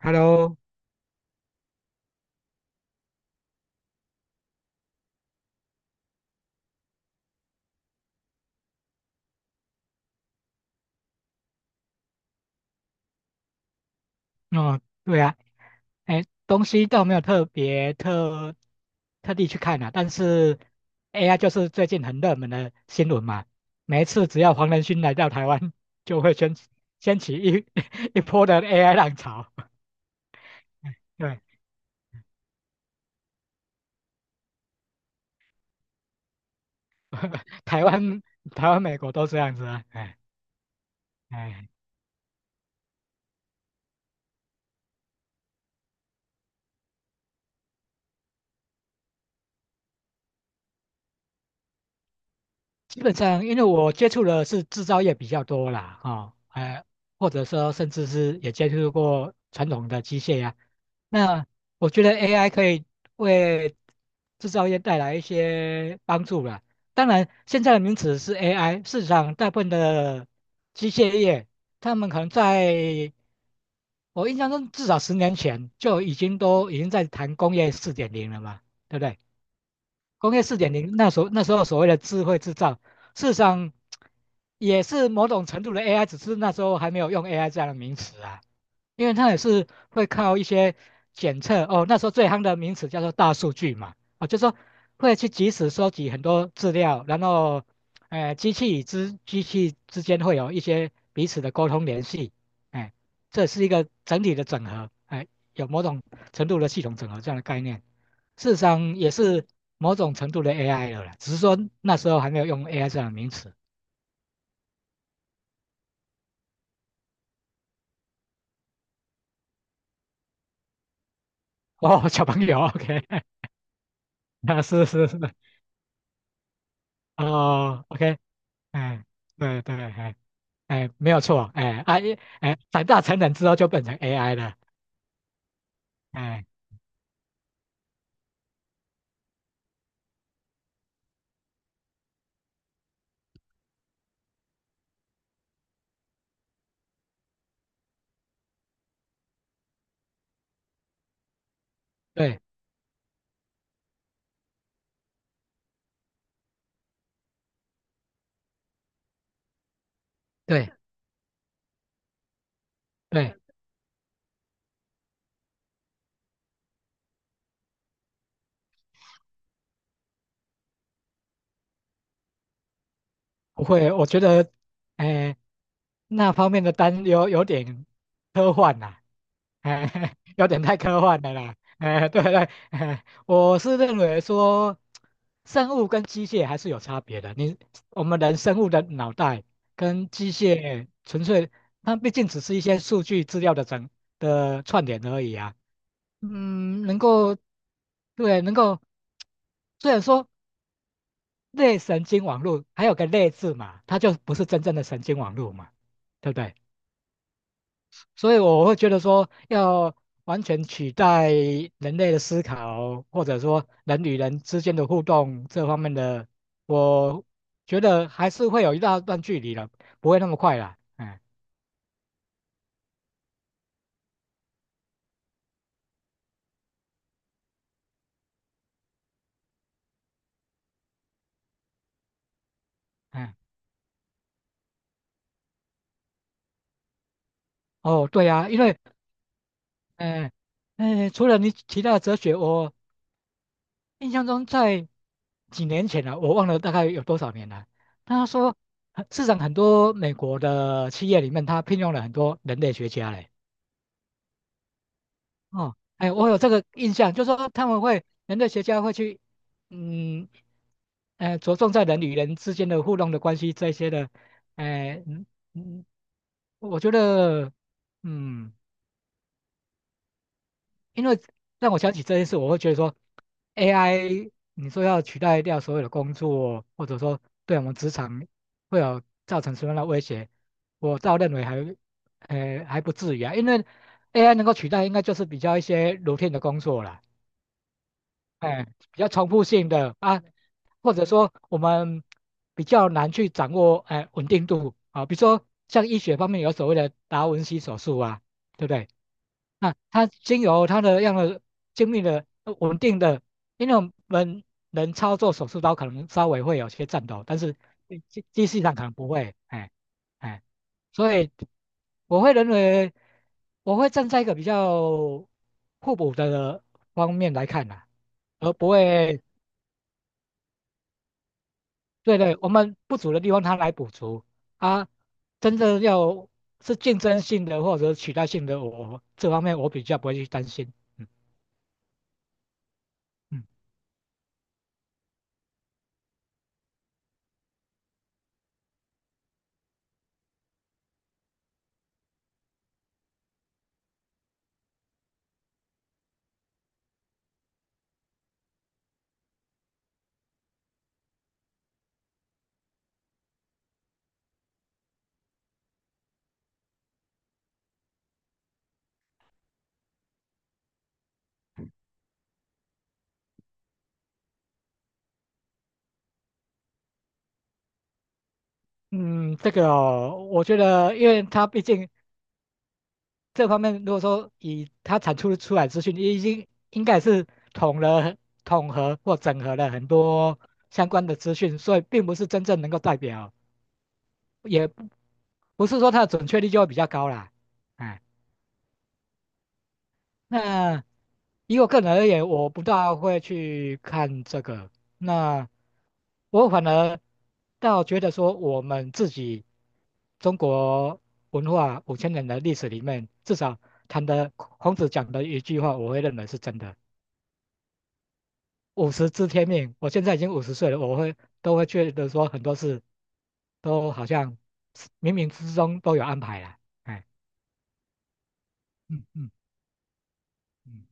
Hello,哦，对啊，哎，东西倒没有特别特地去看啊，但是 AI 就是最近很热门的新闻嘛。每一次只要黄仁勋来到台湾，就会掀起一 一波的 AI 浪潮。对。台湾、台湾、美国都这样子啊，哎哎。基本上，因为我接触的是制造业比较多啦，哦，哎，或者说甚至是也接触过传统的机械呀，那我觉得 AI 可以为制造业带来一些帮助了。当然，现在的名词是 AI,市场大部分的机械业，他们可能在我印象中至少10年前就已经都已经在谈工业四点零了嘛，对不对？工业四点零那时候，所谓的智慧制造，事实上也是某种程度的 AI,只是那时候还没有用 AI 这样的名词啊。因为它也是会靠一些检测哦，那时候最夯的名词叫做大数据嘛。哦，就是说会去及时收集很多资料，然后，机器与之机器之间会有一些彼此的沟通联系，哎，这是一个整体的整合，哎，有某种程度的系统整合这样的概念，事实上也是某种程度的 AI 了啦，只是说那时候还没有用 AI 这样的名词。哦，小朋友，OK,啊，是是是。哦，OK。哎，对对，哎哎，没有错，哎，啊，一，哎，长大成人之后就变成 AI 了。哎，对对对。不会，我觉得，哎，那方面的担忧有点科幻呐。哎，有点太科幻了啦。哎，对对，哎，我是认为说，生物跟机械还是有差别的。我们人，生物的脑袋跟机械纯粹，它毕竟只是一些数据资料的串联而已啊。嗯，能够，对，能够，虽然说类神经网络还有个类字嘛，它就不是真正的神经网络嘛，对不对？所以我会觉得说，要完全取代人类的思考，或者说人与人之间的互动这方面的，我觉得还是会有一大段距离了，不会那么快啦。嗯嗯，哦，对呀，啊，因为嗯。嗯，除了你提到的哲学，我印象中在几年前了，我忘了大概有多少年了，他说，市场很多美国的企业里面，他聘用了很多人类学家嘞。哦，哎，我有这个印象，就说他们会，人类学家会去，嗯，着重在人与人之间的互动的关系这些的。哎，嗯嗯，我觉得，嗯。因为让我想起这件事，我会觉得说，AI 你说要取代掉所有的工作，或者说对我们职场会有造成什么样的威胁，我倒认为还，还不至于啊，因为 AI 能够取代应该就是比较一些 routine 的工作啦。哎，比较重复性的啊，或者说我们比较难去掌握，哎，稳定度啊，比如说像医学方面有所谓的达文西手术啊，对不对？那它经由它的样的精密的稳定的，因为我们人操作手术刀可能稍微会有些颤抖，但是机器上可能不会，哎哎，所以我会认为，我会站在一个比较互补的方面来看呐。而不会，对对，我们不足的地方它来补足啊。真正要是竞争性的或者取代性的，我这方面我比较不会去担心。嗯嗯。嗯，这个哦，我觉得，因为它毕竟这方面，如果说以它产出出来资讯，已经应该是统了，统合或整合了很多相关的资讯，所以并不是真正能够代表，也不是说它的准确率就会比较高啦。哎。那以我个人而言，我不大会去看这个。那我反而倒觉得说，我们自己中国文化5000年的历史里面，至少谈的孔子讲的一句话，我会认为是真的："五十知天命。"我现在已经50岁了，我会都会觉得说，很多事都好像是冥冥之中都有安排了。哎，嗯嗯嗯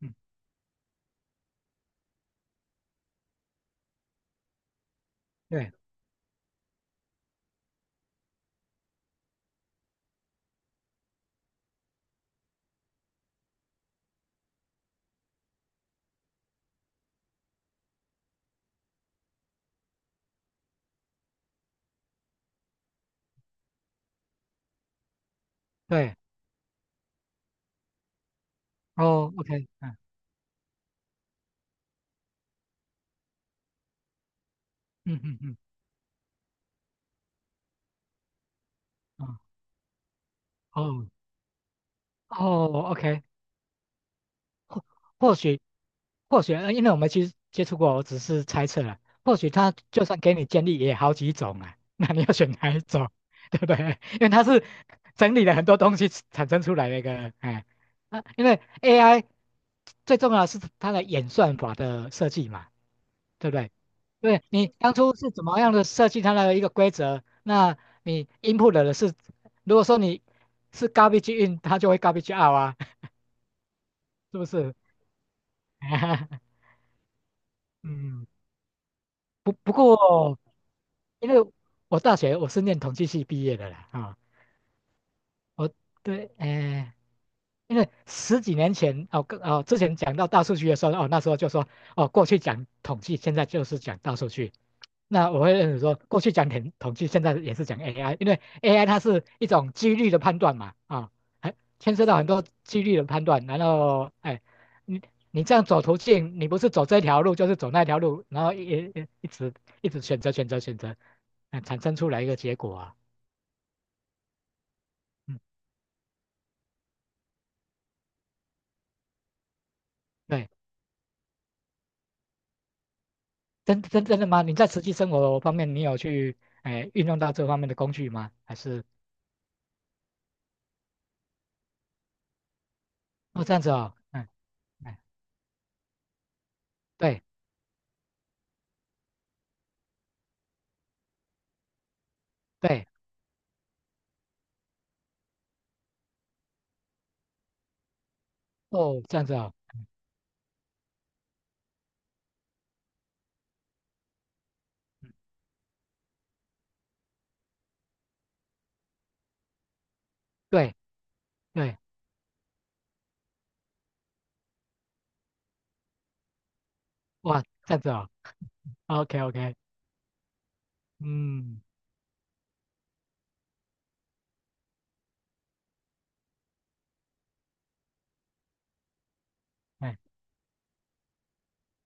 嗯，对对，哦，OK,嗯嗯嗯嗯。哦哦哦，OK,或或许或许，因为我没去接触过，我只是猜测了。或许他就算给你建议也好几种啊，那你要选哪一种，对不对？因为它是整理了很多东西产生出来的一个，哎，啊，因为 AI 最重要的是它的演算法的设计嘛，对不对？对，你当初是怎么样的设计它的一个规则？那你 input 的是，如果说你是 garbage in,它就会 garbage out 啊，是不是？嗯，不过，因为我大学我是念统计系毕业的啦。啊，我，对，哎，因为十几年前哦，跟哦之前讲到大数据的时候，哦那时候就说，哦过去讲统计，现在就是讲大数据。那我会认为说，过去讲统计，现在也是讲 AI,因为 AI 它是一种几率的判断嘛，啊，还牵涉到很多几率的判断。然后，哎，你你这样走途径，你不是走这条路，就是走那条路，然后一一直选择，嗯，产生出来一个结果啊。嗯，对。真的吗？你在实际生活方面，你有去哎运用到这方面的工具吗？还是哦这样子哦，嗯嗯，对对，哦这样子哦，对对，哇这样子哦，OK OK,嗯，哎，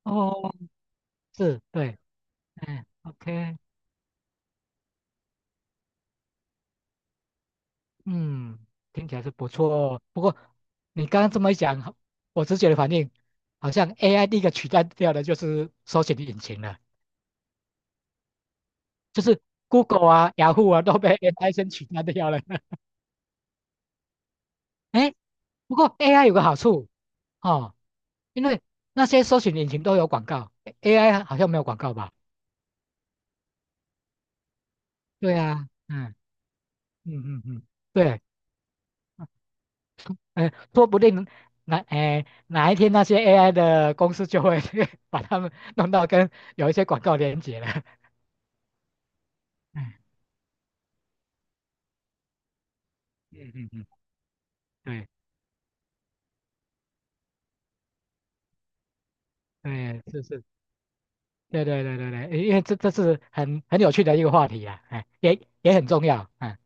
哦，是，对，哎， OK,嗯，听起来是不错哦。不过你刚刚这么一讲，我直觉的反应好像 AI 第一个取代掉的就是搜寻引擎了，就是 Google 啊，雅虎啊都被 AI 先取代掉了。哎，不过 AI 有个好处哦，因为那些搜寻引擎都有广告，AI 好像没有广告吧？对啊，嗯嗯嗯嗯，对，哎，说不定哪一天那些 AI 的公司就会 把它们弄到跟有一些广告连接了。嗯嗯嗯嗯，对对，是是，对对对对对，因为这这是很很有趣的一个话题啊，哎，也也很重要，哎。